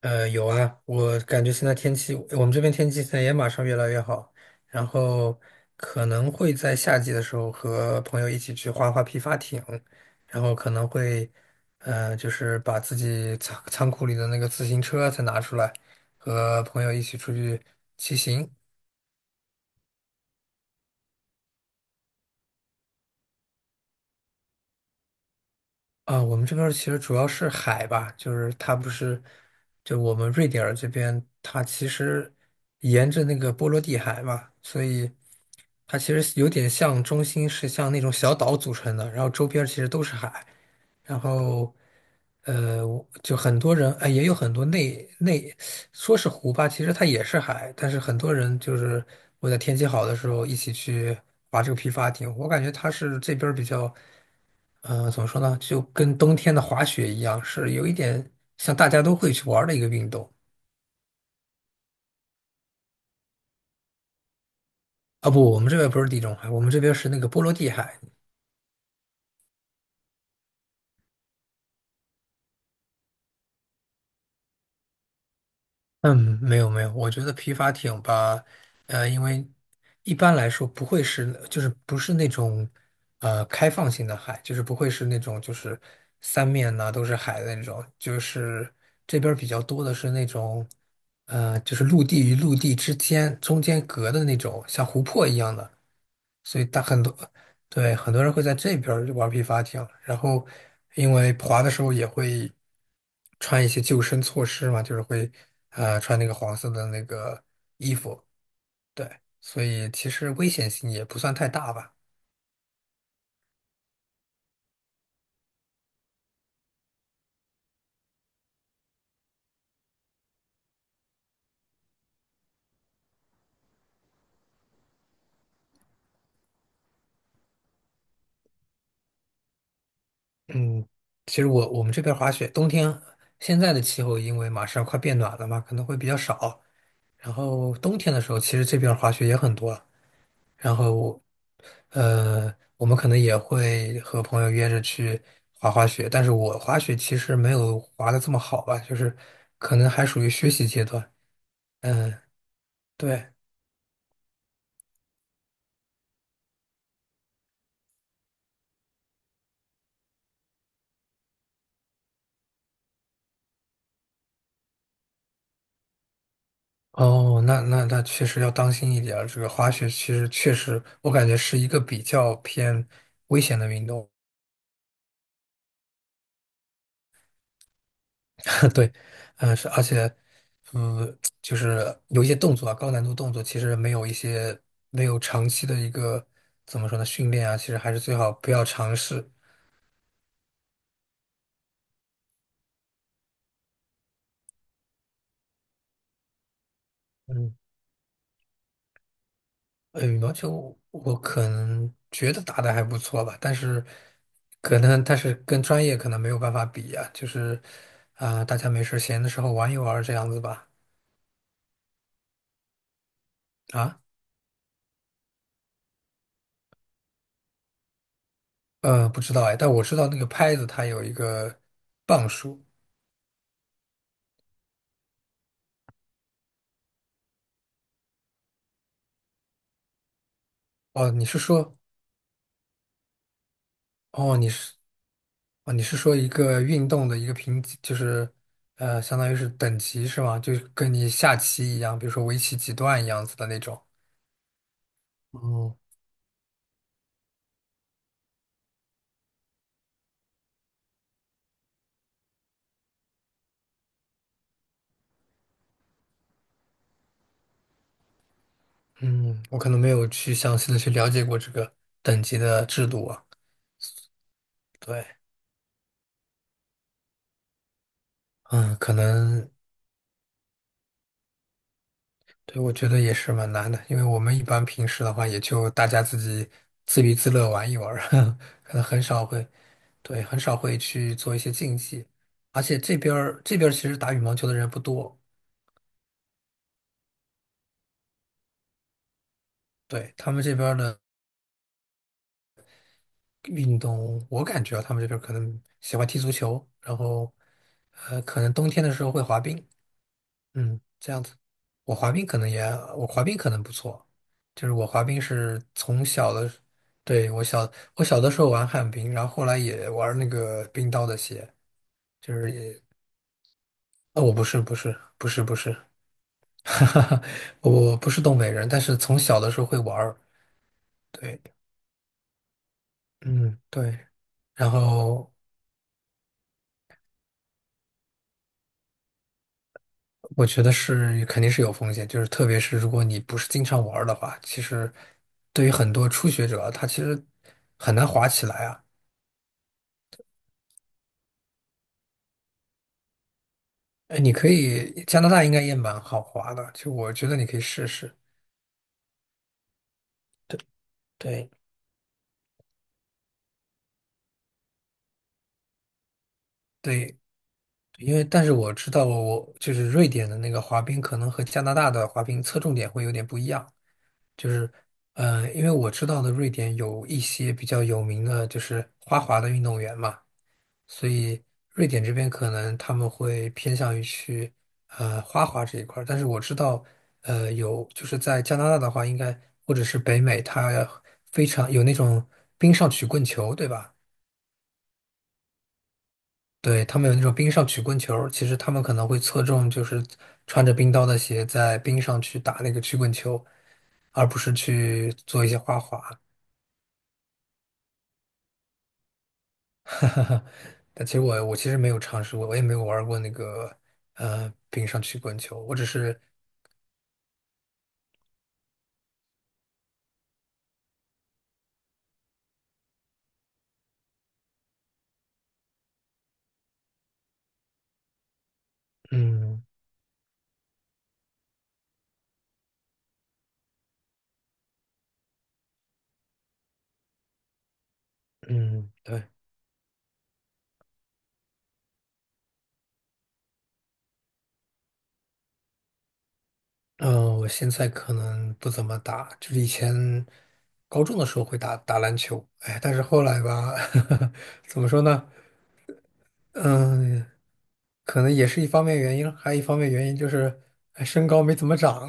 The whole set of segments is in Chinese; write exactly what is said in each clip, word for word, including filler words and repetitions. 呃，有啊，我感觉现在天气，我们这边天气现在也马上越来越好，然后可能会在夏季的时候和朋友一起去划划皮划艇，然后可能会，呃，就是把自己仓仓库里的那个自行车再拿出来，和朋友一起出去骑行。啊，我们这边儿其实主要是海吧，就是它不是，就我们瑞典儿这边，它其实沿着那个波罗的海嘛，所以它其实有点像中心是像那种小岛组成的，然后周边儿其实都是海，然后呃，我就很多人，哎，也有很多内内说是湖吧，其实它也是海，但是很多人就是我在天气好的时候一起去划这个皮划艇，我感觉它是这边儿比较。呃，怎么说呢？就跟冬天的滑雪一样，是有一点像大家都会去玩儿的一个运动。啊，不，我们这边不是地中海，我们这边是那个波罗的海。嗯，没有没有，我觉得皮划艇吧，呃，因为一般来说不会是，就是不是那种呃开放性的海，就是不会是那种就是三面呐、都是海的那种，就是这边儿比较多的是那种呃，就是陆地与陆地之间中间隔的那种像湖泊一样的。所以大很多，对，很多人会在这边儿玩皮划艇，然后因为滑的时候也会穿一些救生措施嘛，就是会呃穿那个黄色的那个衣服，对，所以其实危险性也不算太大吧。嗯，其实我我们这边滑雪，冬天现在的气候因为马上快变暖了嘛，可能会比较少，然后冬天的时候其实这边滑雪也很多。然后我，呃，我们可能也会和朋友约着去滑滑雪，但是我滑雪其实没有滑的这么好吧，就是可能还属于学习阶段。嗯，对。哦，那那那确实要当心一点儿。这个滑雪其实确实，我感觉是一个比较偏危险的运动。对，嗯，是，而且，嗯，就是有一些动作啊，高难度动作，其实没有一些没有长期的一个怎么说呢训练啊，其实还是最好不要尝试。嗯，呃，羽毛球我可能觉得打的还不错吧，但是可能但是跟专业可能没有办法比啊，就是啊、大家没事儿闲的时候玩一玩儿这样子吧。啊，呃，不知道哎，但我知道那个拍子它有一个磅数。哦，你是说，哦，你是。哦，你是说一个运动的一个评级，就是呃，相当于是等级是吗？就是跟你下棋一样，比如说围棋几段一样子的那种。哦，嗯，我可能没有去详细的去了解过这个等级的制度啊。对，嗯，可能，对，我觉得也是蛮难的，因为我们一般平时的话，也就大家自己自娱自乐玩一玩儿，可能很少会，对，很少会去做一些竞技。而且这边儿这边儿其实打羽毛球的人不多，对，他们这边儿的。运动，我感觉啊他们这边儿可能喜欢踢足球，然后呃，可能冬天的时候会滑冰，嗯，这样子。我滑冰可能也，我滑冰可能不错，就是我滑冰是从小的，对，我小我小的时候玩旱冰，然后后来也玩那个冰刀的鞋，就是也，啊，我不是不是不是不是，哈哈哈，我不是东北人，但是从小的时候会玩儿，对，嗯对，然后。我觉得是肯定是有风险，就是特别是如果你不是经常玩儿的话，其实对于很多初学者，他其实很难滑起来啊。哎，你可以，加拿大应该也蛮好滑的，就我觉得你可以试试。对对，因为但是我知道我就是瑞典的那个滑冰，可能和加拿大的滑冰侧重点会有点不一样。就是，呃，因为我知道的瑞典有一些比较有名的，就是花滑的运动员嘛，所以瑞典这边可能他们会偏向于去呃花滑这一块儿，但是我知道，呃，有就是在加拿大的话，应该或者是北美，它非常有那种冰上曲棍球，对吧？对，他们有那种冰上曲棍球，其实他们可能会侧重就是穿着冰刀的鞋在冰上去打那个曲棍球，而不是去做一些花滑。但其实我我其实没有尝试过，我也没有玩过那个呃冰上曲棍球，我只是嗯嗯，对，嗯、我现在可能不怎么打，就是以前高中的时候会打打篮球，哎，但是后来吧，怎么说呢？嗯、可能也是一方面原因，还有一方面原因就是，哎身高没怎么长。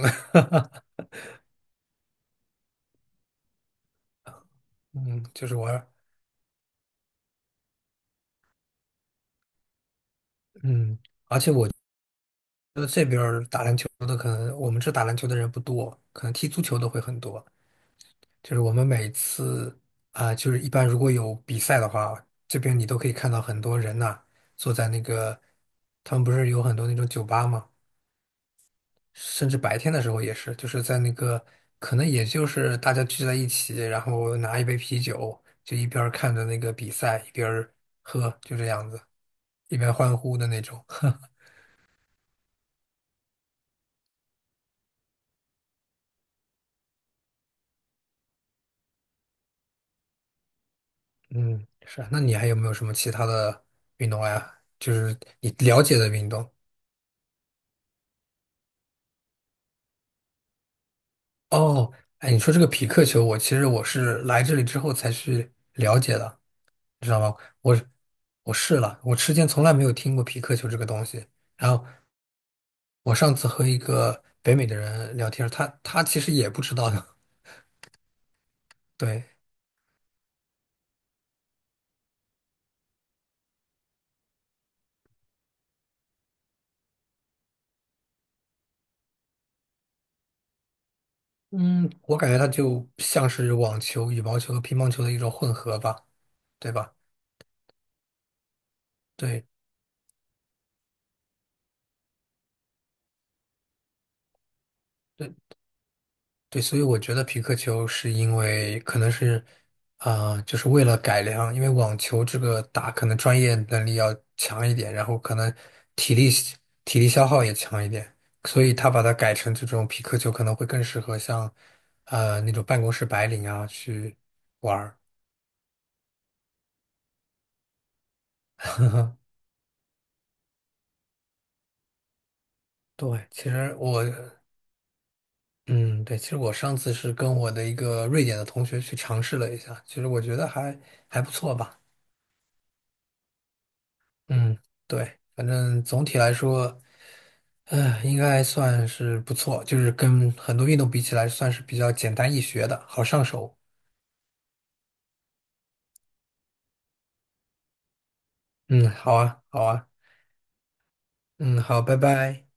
嗯，就是我，嗯，就是打篮球的可能我们这打篮球的人不多，可能踢足球的会很多。就是我们每次啊、就是一般如果有比赛的话，这边你都可以看到很多人呐、坐在那个，他们不是有很多那种酒吧嘛，甚至白天的时候也是，就是在那个，可能也就是大家聚在一起，然后拿一杯啤酒，就一边儿看着那个比赛，一边儿喝，就这样子，一边欢呼的那种。嗯，是啊那你还有没有什么其他的运动呀？就是你了解的运动？哦，哎，你说这个匹克球，我其实我是来这里之后才去了解的，你知道吗？我我试了，我之前从来没有听过匹克球这个东西。然后我上次和一个北美的人聊天，他他其实也不知道的。对，嗯，我感觉它就像是网球、羽毛球和乒乓球的一种混合吧，对吧？对对。对，所以我觉得皮克球是因为可能是，啊、就是为了改良，因为网球这个打可能专业能力要强一点，然后可能体力体力消耗也强一点，所以他把它改成这种皮克球可能会更适合像，呃，那种办公室白领啊去玩儿。对，其实我，嗯，对，其实我上次是跟我的一个瑞典的同学去尝试了一下，其实我觉得还还不错吧。嗯，对，反正总体来说。呃，应该算是不错，就是跟很多运动比起来，算是比较简单易学的，好上手。嗯，好啊，好啊，嗯，好，拜拜。